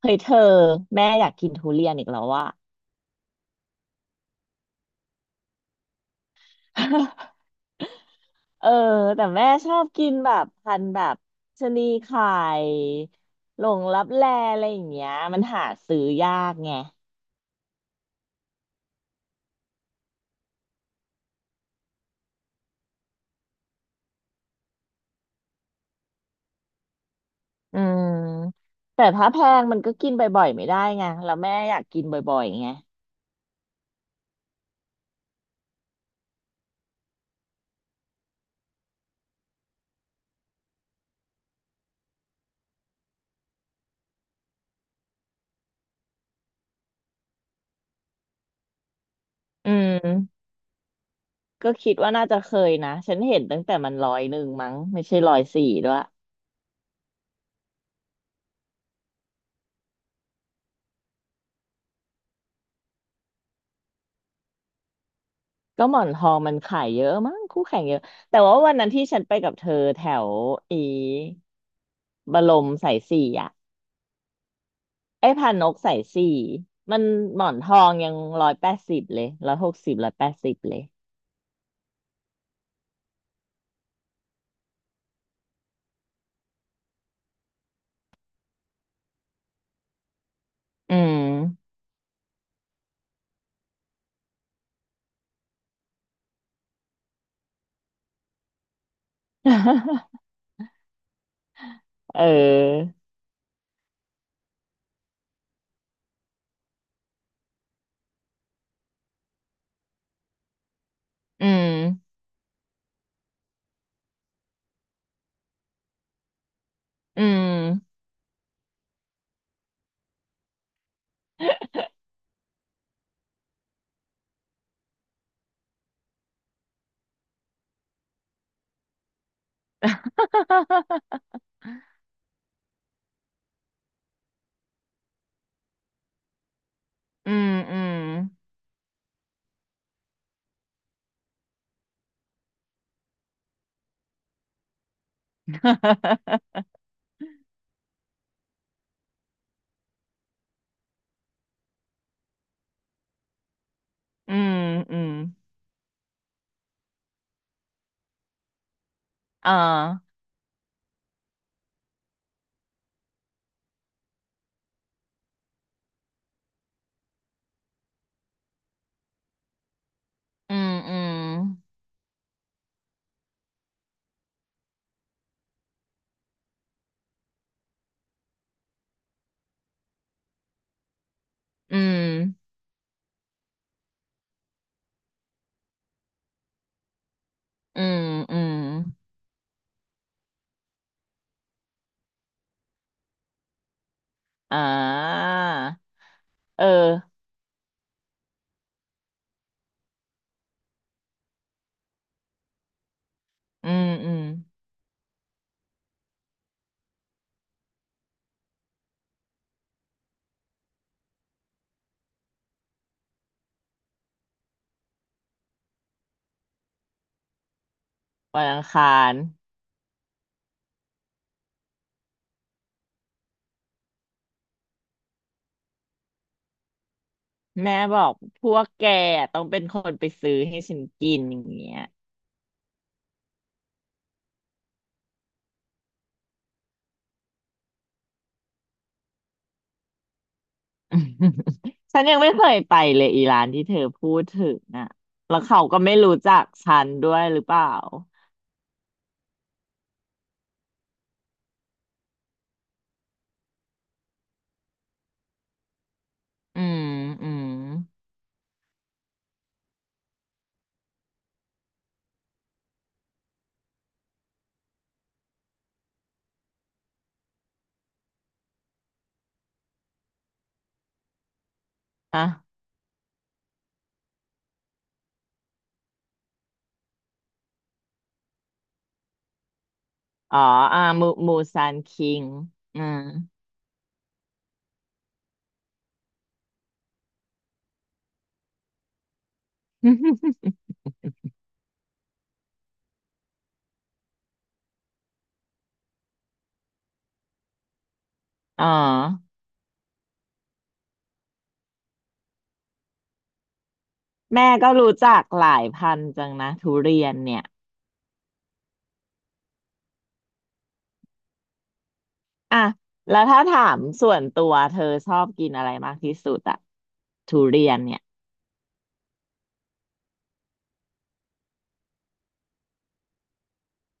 เฮ้ยเธอแม่อยากกินทุเรียนอีกแล้วว่ะ เออแต่แม่ชอบกินแบบพันธุ์แบบชะนีไข่หลงลับแลอะไรอย่างเงี้ยมันหาซื้อยากไงอืมแต่ถ้าแพงมันก็กินบ่อยๆไม่ได้ไงแล้วแม่อยากกินบ่อยๆไงอืมก็คิดว่าน่าจะเคยนะฉันเห็นตั้งแต่มันร้อยหนึ่งมั้งไม่ใช่ร้อยสี่ด้วย ก็หมอนทองมันขายเยอะมั้งคู่แข่งเยอะแต่ว่าวันนั้นที่ฉันไปกับเธอแถวอีบรมสายสี่อ่ะไอ้พานกสายสี่มันหมอนทองยังร้อยแปดสิบเลยร้อยหกสิบร้อยแปดสิบเลยอืม เอออืมอืม อืมอืม อืมอืมอ่าอืมอืมอืมอืมอืมอ่าเออ อืมอืมวันอังคารแม่บอกพวกแกต้องเป็นคนไปซื้อให้ฉันกินอย่างเงี้ย ฉันยังไม่เคยไปเลยอีร้านที่เธอพูดถึงอ่ะแล้วเขาก็ไม่รู้จักฉันด้วยหรือเปล่าอืมอืมอ่ะอ๋ออ่ามูมูซานคิงอืม อ๋อแม่ก็รู้จักหลายพันธุ์จังนะทุเรียนเนี่ยอ่ะแล้วถ้าถามส่วนตัวเธอชอบกินอะไรมากที่สุดอะทุเรียนเนี่ย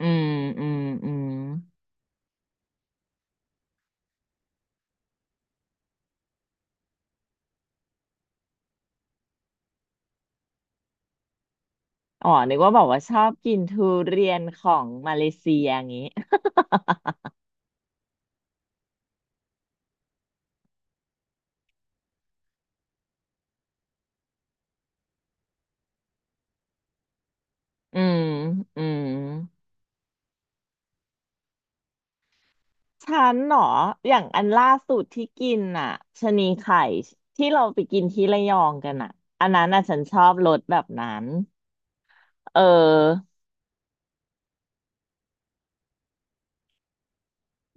อืมอืมอืมอ๋อนึกว่าบอกว่าชอบกินทุเรียนของมาเลเซียอย่างงี้ อืมอืมฉันเหรออย่างอันล่าสุดที่กินอ่ะชะนีไข่ที่เราไปกินที่ระยองกันอ่ะอันนั้นอ่ะฉันชอบรสแบบนั้นเออ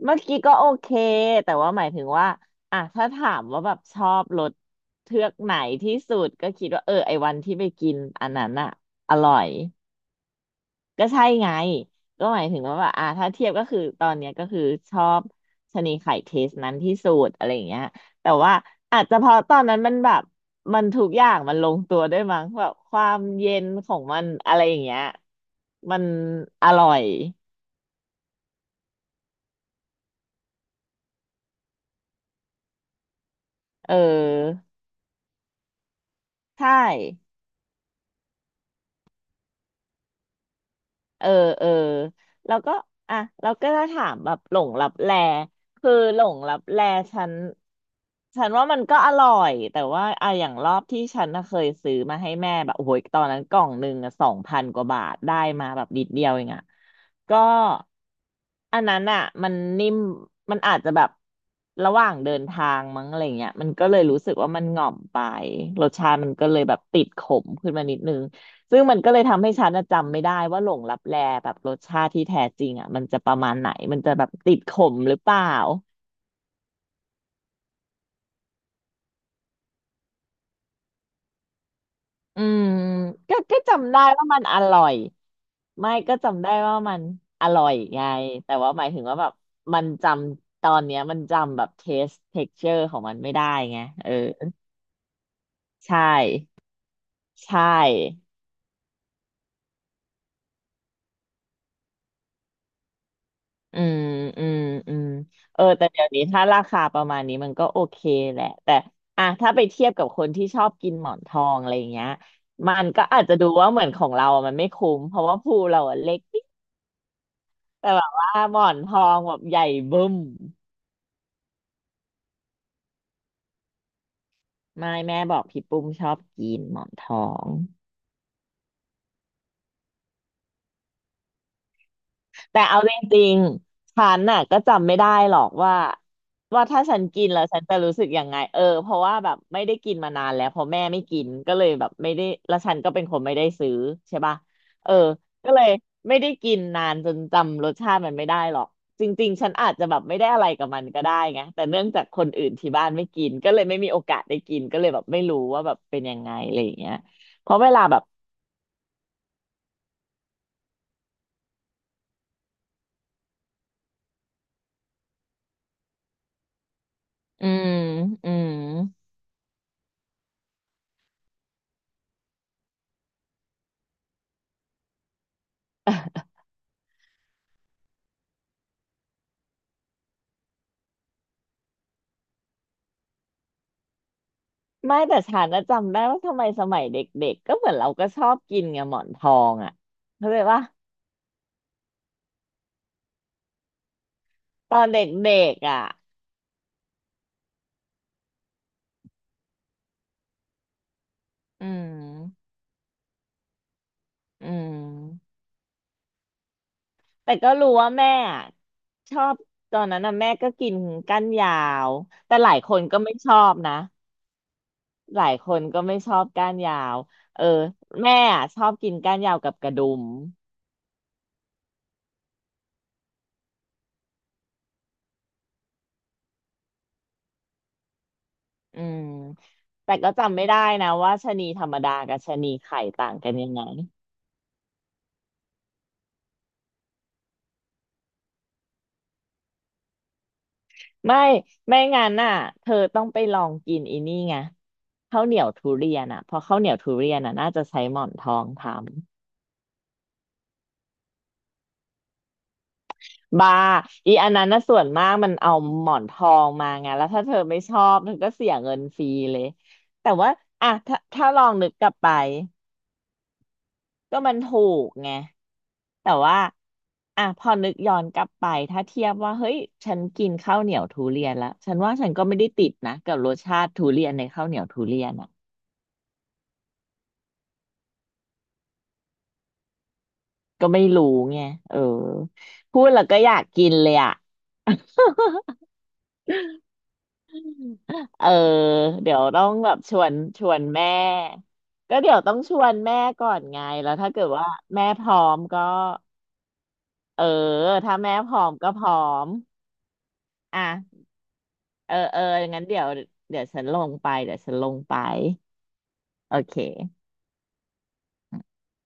เมื่อกี้ก็โอเคแต่ว่าหมายถึงว่าอ่ะถ้าถามว่าแบบชอบรสเทือกไหนที่สุดก็คิดว่าเออไอวันที่ไปกินอันนั้นอ่ะอร่อย ก็ใช่ไงก็หมายถึงว่าแบบอ่าถ้าเทียบก็คือตอนเนี้ยก็คือชอบชะนีไข่เทสนั้นที่สุดอะไรอย่างเงี้ยแต่ว่าอาจจะเพราะตอนนั้นมันแบบทุกอย่างมันลงตัวด้วยมั้งแบบความเย็นของมันอะไรอย่างเงี้ยมันอร่อยเออใช่ เออเออแล้วก็อ่ะเราก็จะถามแบบหลงลับแลคือหลงลับแลฉันฉันว่ามันก็อร่อยแต่ว่าอ่ะอย่างรอบที่ฉันน่ะเคยซื้อมาให้แม่แบบโอ้โหตอนนั้นกล่องหนึ่งอ่ะสองพันกว่าบาทได้มาแบบนิดเดียวเองอ่ะก็อันนั้นอ่ะมันนิ่มมันอาจจะแบบระหว่างเดินทางมั้งอะไรเงี้ยมันก็เลยรู้สึกว่ามันหง่อมไปรสชาติมันก็เลยแบบติดขมขึ้นมานิดนึง ซึ่งมันก็เลยทำให้ฉันน่ะจำไม่ได้ว่าหลงลับแลแบบรสชาติที่แท้จริงอ่ะมันจะประมาณไหนมันจะแบบติดขมหรือเปล่าอืมก็จำได้ว่ามันอร่อยไม่ก็จำได้ว่ามันอร่อยไงแต่ว่าหมายถึงว่าแบบมันจำตอนเนี้ยมันจำแบบเทสเท็กเจอร์ของมันไม่ได้ไงเออใช่ใช่ อืมอืมอืมเออแต่เดี๋ยวนี้ถ้าราคาประมาณนี้มันก็โอเคแหละแต่อ่ะถ้าไปเทียบกับคนที่ชอบกินหมอนทองอะไรอย่างเงี้ยมันก็อาจจะดูว่าเหมือนของเราอะมันไม่คุ้ม เพราะว่าภูเราอะเล็กนิดแต่แบบว่าหมอนทองแบบใหญ่บึ้มไม่แม่บอกพี่ปุ้มชอบกินหมอนทอง แต่เอาจริงๆฉันน่ะก็จำไม่ได้หรอกว่าถ้าฉันกินแล้วฉันจะรู้สึกยังไงเออเพราะว่าแบบไม่ได้กินมานานแล้วเพราะแม่ไม่กินก็เลยแบบไม่ได้แล้วฉันก็เป็นคนไม่ได้ซื้อใช่ป่ะเออก็เลยไม่ได้กินนานจนจำรสชาติมันไม่ได้หรอกจริงๆฉันอาจจะแบบไม่ได้อะไรกับมันก็ได้ไงแต่เนื่องจากคนอื่นที่บ้านไม่กินก็เลยไม่มีโอกาสได้กินก็เลยแบบไม่รู้ว่าแบบเป็นยังไงอะไรอย่างเงี้ยเพราะเวลาแบบอืมอืม ไม่แต่ฉันนะจำได้ว่าทำไมสมัยเด็กๆก็เหมือนเราก็ชอบกินไงหมอนทองอ่ะเข้าใจปะตอนเด็กๆอ่ะอืมอืมแต่ก็รู้ว่าแม่อะชอบตอนนั้นนะแม่ก็กินก้านยาวแต่หลายคนก็ไม่ชอบนะหลายคนก็ไม่ชอบก้านยาวเออแม่อะชอบกินก้านยาวกับกระดุมอืมแต่ก็จำไม่ได้นะว่าชะนีธรรมดากับชะนีไข่ต่างกันยังไง ไม่งั้นน่ะเธอต้องไปลองกินอีนี่ไงข้าวเหนียวทุเรียนอ่ะเพราะข้าวเหนียวทุเรียนอ่ะน่าจะใช้หมอนทองทำบาอีอันนั้นน่ะส่วนมากมันเอาหมอนทองมาไงแล้วถ้าเธอไม่ชอบเธอก็เสียเงินฟรีเลยแต่ว่าอ่ะถ้าลองนึกกลับไปก็มันถูกไงแต่ว่าอ่ะพอนึกย้อนกลับไปถ้าเทียบว่าเฮ้ยฉันกินข้าวเหนียวทุเรียนแล้วฉันว่าฉันก็ไม่ได้ติดนะกับรสชาติทุเรียนในข้าวเหนียวทุเรียนอ่ะ ก็ไม่รู้ไงเออพูดแล้วก็อยากกินเลยอ่ะ เออเดี๋ยวต้องแบบชวนแม่ก็เดี๋ยวต้องชวนแม่ก่อนไงแล้วถ้าเกิดว่าแม่พร้อมก็เออถ้าแม่พร้อมก็พร้อมอ่ะเออเอองั้นเดี๋ยวฉันลงไปเดี๋ยวฉันลงไปโอเค